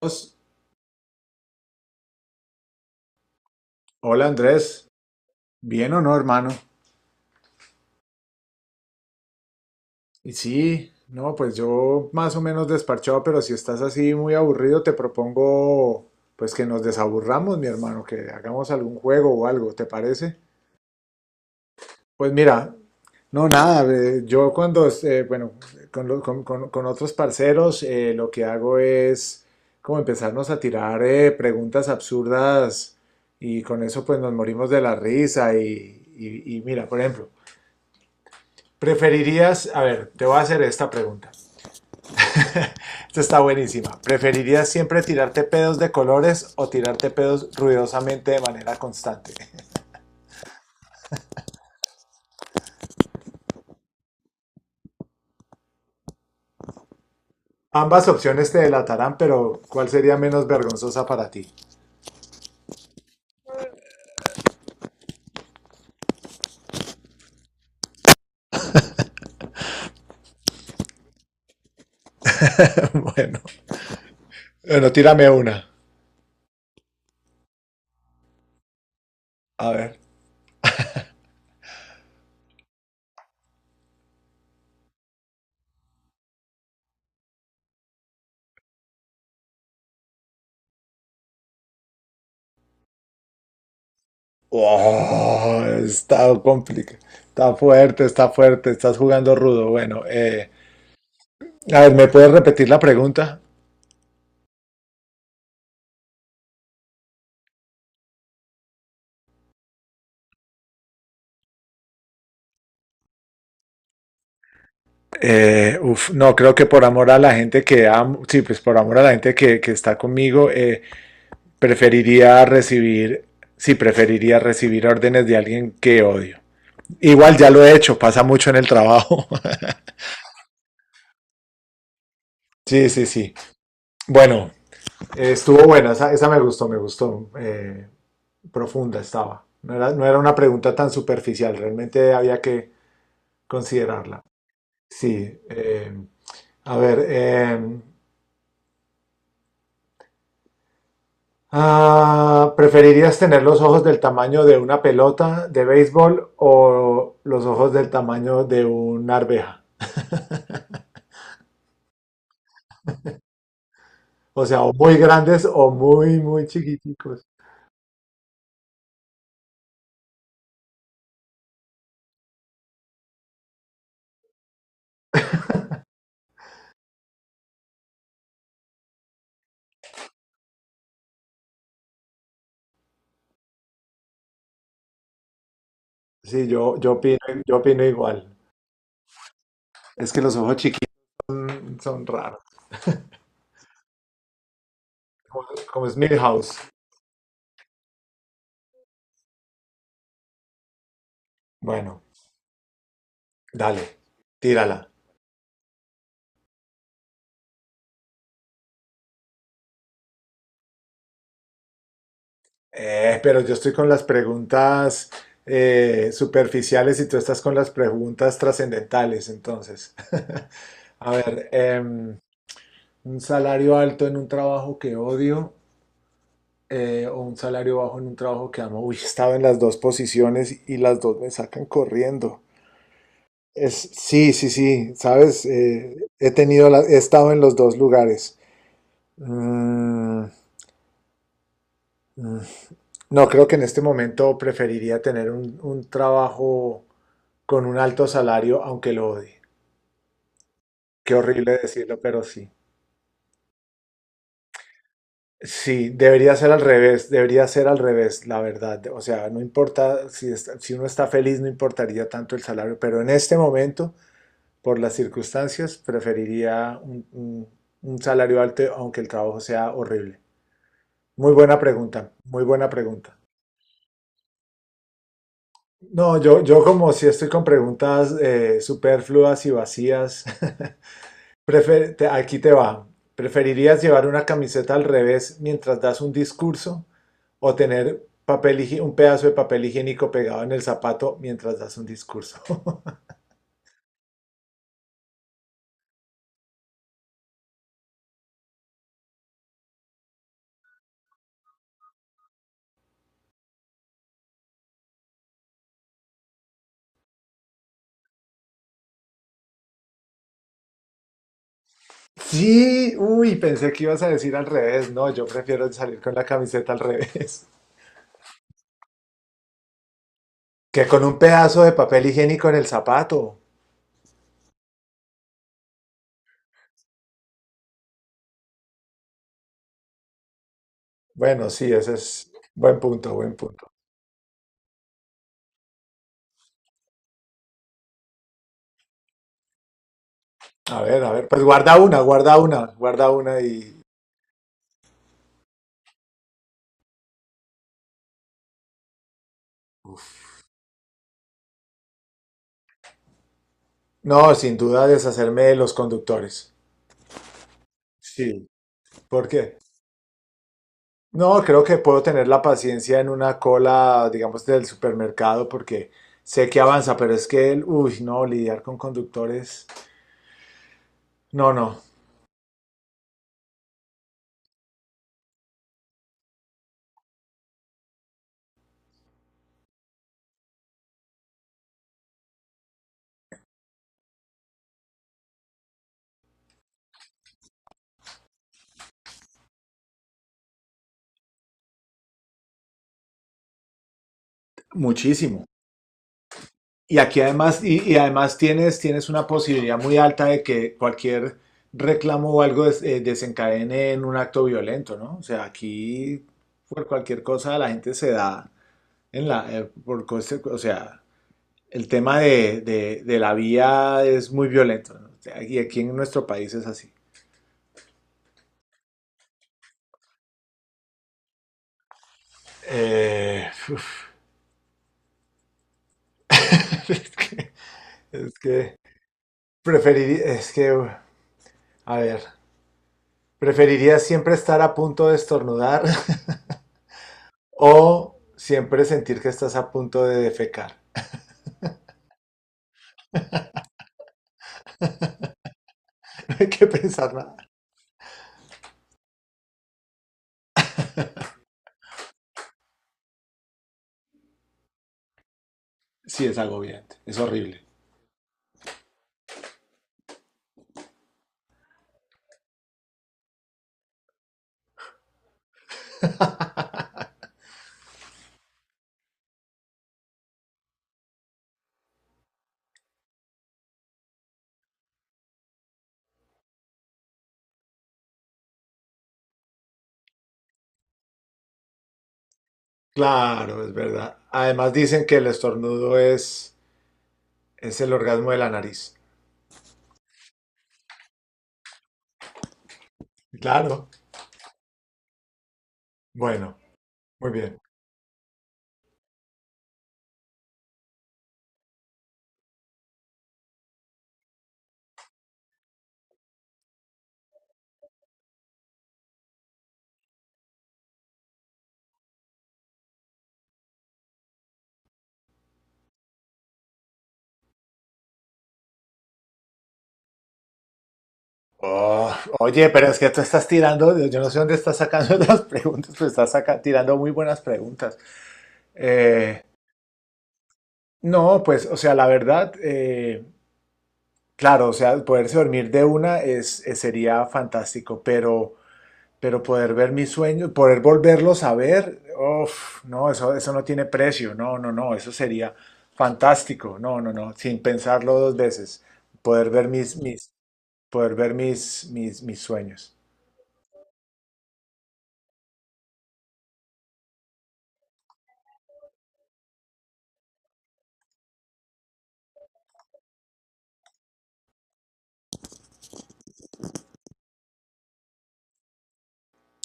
Pues, hola Andrés, bien o no, hermano. Y sí, no, pues yo más o menos desparchado, pero si estás así muy aburrido, te propongo pues que nos desaburramos, mi hermano, que hagamos algún juego o algo, ¿te parece? Pues mira, no, nada, yo bueno, con otros parceros, lo que hago es como empezarnos a tirar preguntas absurdas y con eso pues nos morimos de la risa y mira, por ejemplo. ¿Preferirías, a ver, te voy a hacer esta pregunta. Esta está buenísima. ¿Preferirías siempre tirarte pedos de colores o tirarte pedos ruidosamente de manera constante? Ambas opciones te delatarán, pero ¿cuál sería menos vergonzosa para ti? Bueno, bueno, tírame una. A ver. Oh, está complicado. Está fuerte, está fuerte. Estás jugando rudo. Bueno, a ver, ¿me puedes repetir la pregunta? No, creo que por amor a la gente que amo, sí, pues por amor a la gente que está conmigo, preferiría recibir, sí, preferiría recibir órdenes de alguien que odio. Igual ya lo he hecho, pasa mucho en el trabajo. Sí, sí, sí. Bueno, estuvo buena, esa me gustó, me gustó. Profunda estaba. No era una pregunta tan superficial, realmente había que considerarla. Sí, a ver, ah, ¿preferirías tener los ojos del tamaño de una pelota de béisbol o los ojos del tamaño de una arveja? O sea, o muy grandes o muy chiquiticos. Sí, yo opino igual. Es que los ojos chiquitos son raros, como, como es Milhouse. Bueno, dale, tírala. Pero yo estoy con las preguntas superficiales y tú estás con las preguntas trascendentales, entonces. A ver, un salario alto en un trabajo que odio, o un salario bajo en un trabajo que amo. Uy, estaba en las dos posiciones y las dos me sacan corriendo. Es, sí, sí, sí, sabes. He tenido he estado en los dos lugares. Mm, mm. No, creo que en este momento preferiría tener un trabajo con un alto salario, aunque lo odie. Qué horrible decirlo, pero sí. Sí, debería ser al revés, debería ser al revés, la verdad. O sea, no importa si uno está feliz, no importaría tanto el salario, pero en este momento, por las circunstancias, preferiría un salario alto, aunque el trabajo sea horrible. Muy buena pregunta, muy buena pregunta. No, yo como si estoy con preguntas superfluas y vacías. Aquí te va. ¿Preferirías llevar una camiseta al revés mientras das un discurso o tener un pedazo de papel higiénico pegado en el zapato mientras das un discurso? Sí, uy, pensé que ibas a decir al revés. No, yo prefiero salir con la camiseta al revés. Que con un pedazo de papel higiénico en el zapato. Bueno, sí, ese es buen punto, buen punto. A ver, pues guarda una, guarda una, guarda una y... No, sin duda deshacerme de los conductores. Sí. ¿Por qué? No, creo que puedo tener la paciencia en una cola, digamos, del supermercado porque sé que avanza, pero es que, uy, no, lidiar con conductores, no, no, muchísimo. Y aquí además, y además tienes, tienes una posibilidad muy alta de que cualquier reclamo o algo desencadene en un acto violento, ¿no? O sea, aquí por cualquier cosa la gente se da en la, o sea, el tema de la vía es muy violento, ¿no? Y aquí en nuestro país es así. Eh, uf, es que, es que preferiría, a ver, preferiría siempre estar a punto de estornudar o siempre sentir que estás a punto de defecar. No hay que pensar nada. Sí, es agobiante, es horrible. Claro, es verdad. Además dicen que el estornudo es el orgasmo de la nariz. Claro. Bueno, muy bien. Oh, oye, pero es que tú estás tirando, yo no sé dónde estás sacando las preguntas, pero estás tirando muy buenas preguntas. Eh, no, pues, o sea, la verdad, claro, o sea, poderse dormir de una es, sería fantástico, pero poder ver mis sueños, poder volverlos a ver, uf, no, eso no tiene precio, no, no, no, eso sería fantástico, no, no, no, sin pensarlo dos veces, poder ver poder ver mis sueños.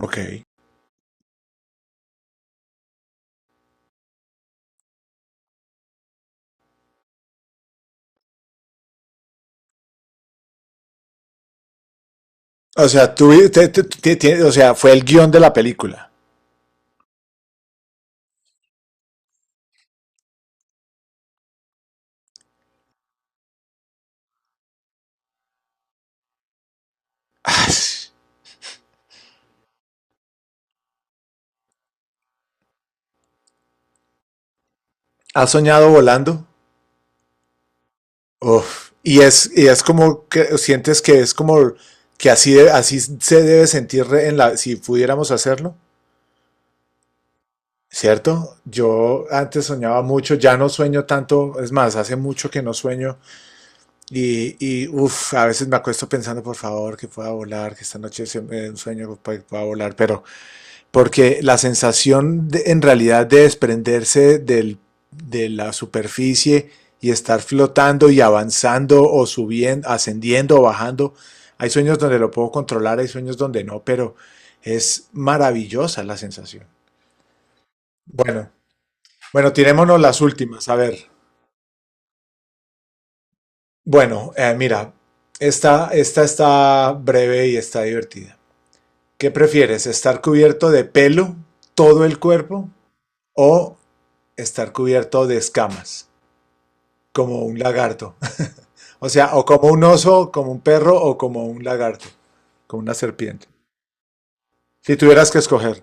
Ok. O sea, tú, te- te- te- te- o sea, fue el guión de la película. ¿Has soñado volando? Uf. Y es como que sientes que es como que así, así se debe sentir en la, si pudiéramos hacerlo, ¿cierto? Yo antes soñaba mucho, ya no sueño tanto, es más, hace mucho que no sueño y uf, a veces me acuesto pensando, por favor, que pueda volar, que esta noche sea un sueño que pueda volar, pero porque la sensación en realidad de desprenderse de la superficie y estar flotando y avanzando o subiendo, ascendiendo o bajando, hay sueños donde lo puedo controlar, hay sueños donde no, pero es maravillosa la sensación. Bueno, bueno, tirémonos las últimas, a ver. Bueno, mira, esta está breve y está divertida. ¿Qué prefieres? ¿Estar cubierto de pelo todo el cuerpo o estar cubierto de escamas, como un lagarto? O sea, o como un oso, como un perro o como un lagarto, como una serpiente. Si tuvieras que escoger.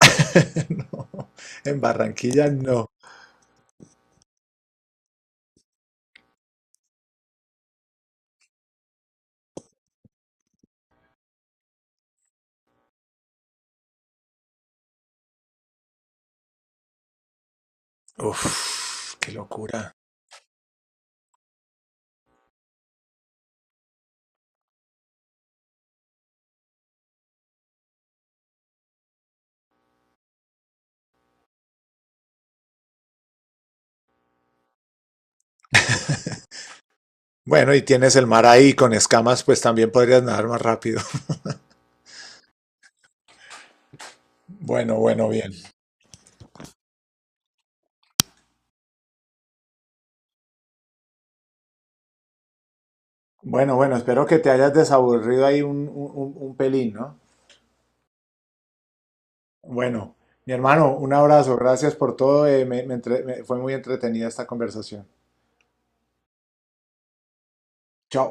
No, en Barranquilla no. Uf, qué locura. Bueno, y tienes el mar ahí con escamas, pues también podrías nadar más rápido. Bueno, bueno, bien. Bueno, bueno, espero que te hayas desaburrido ahí un pelín, ¿no? Bueno, mi hermano, un abrazo, gracias por todo, fue muy entretenida esta conversación. Chao.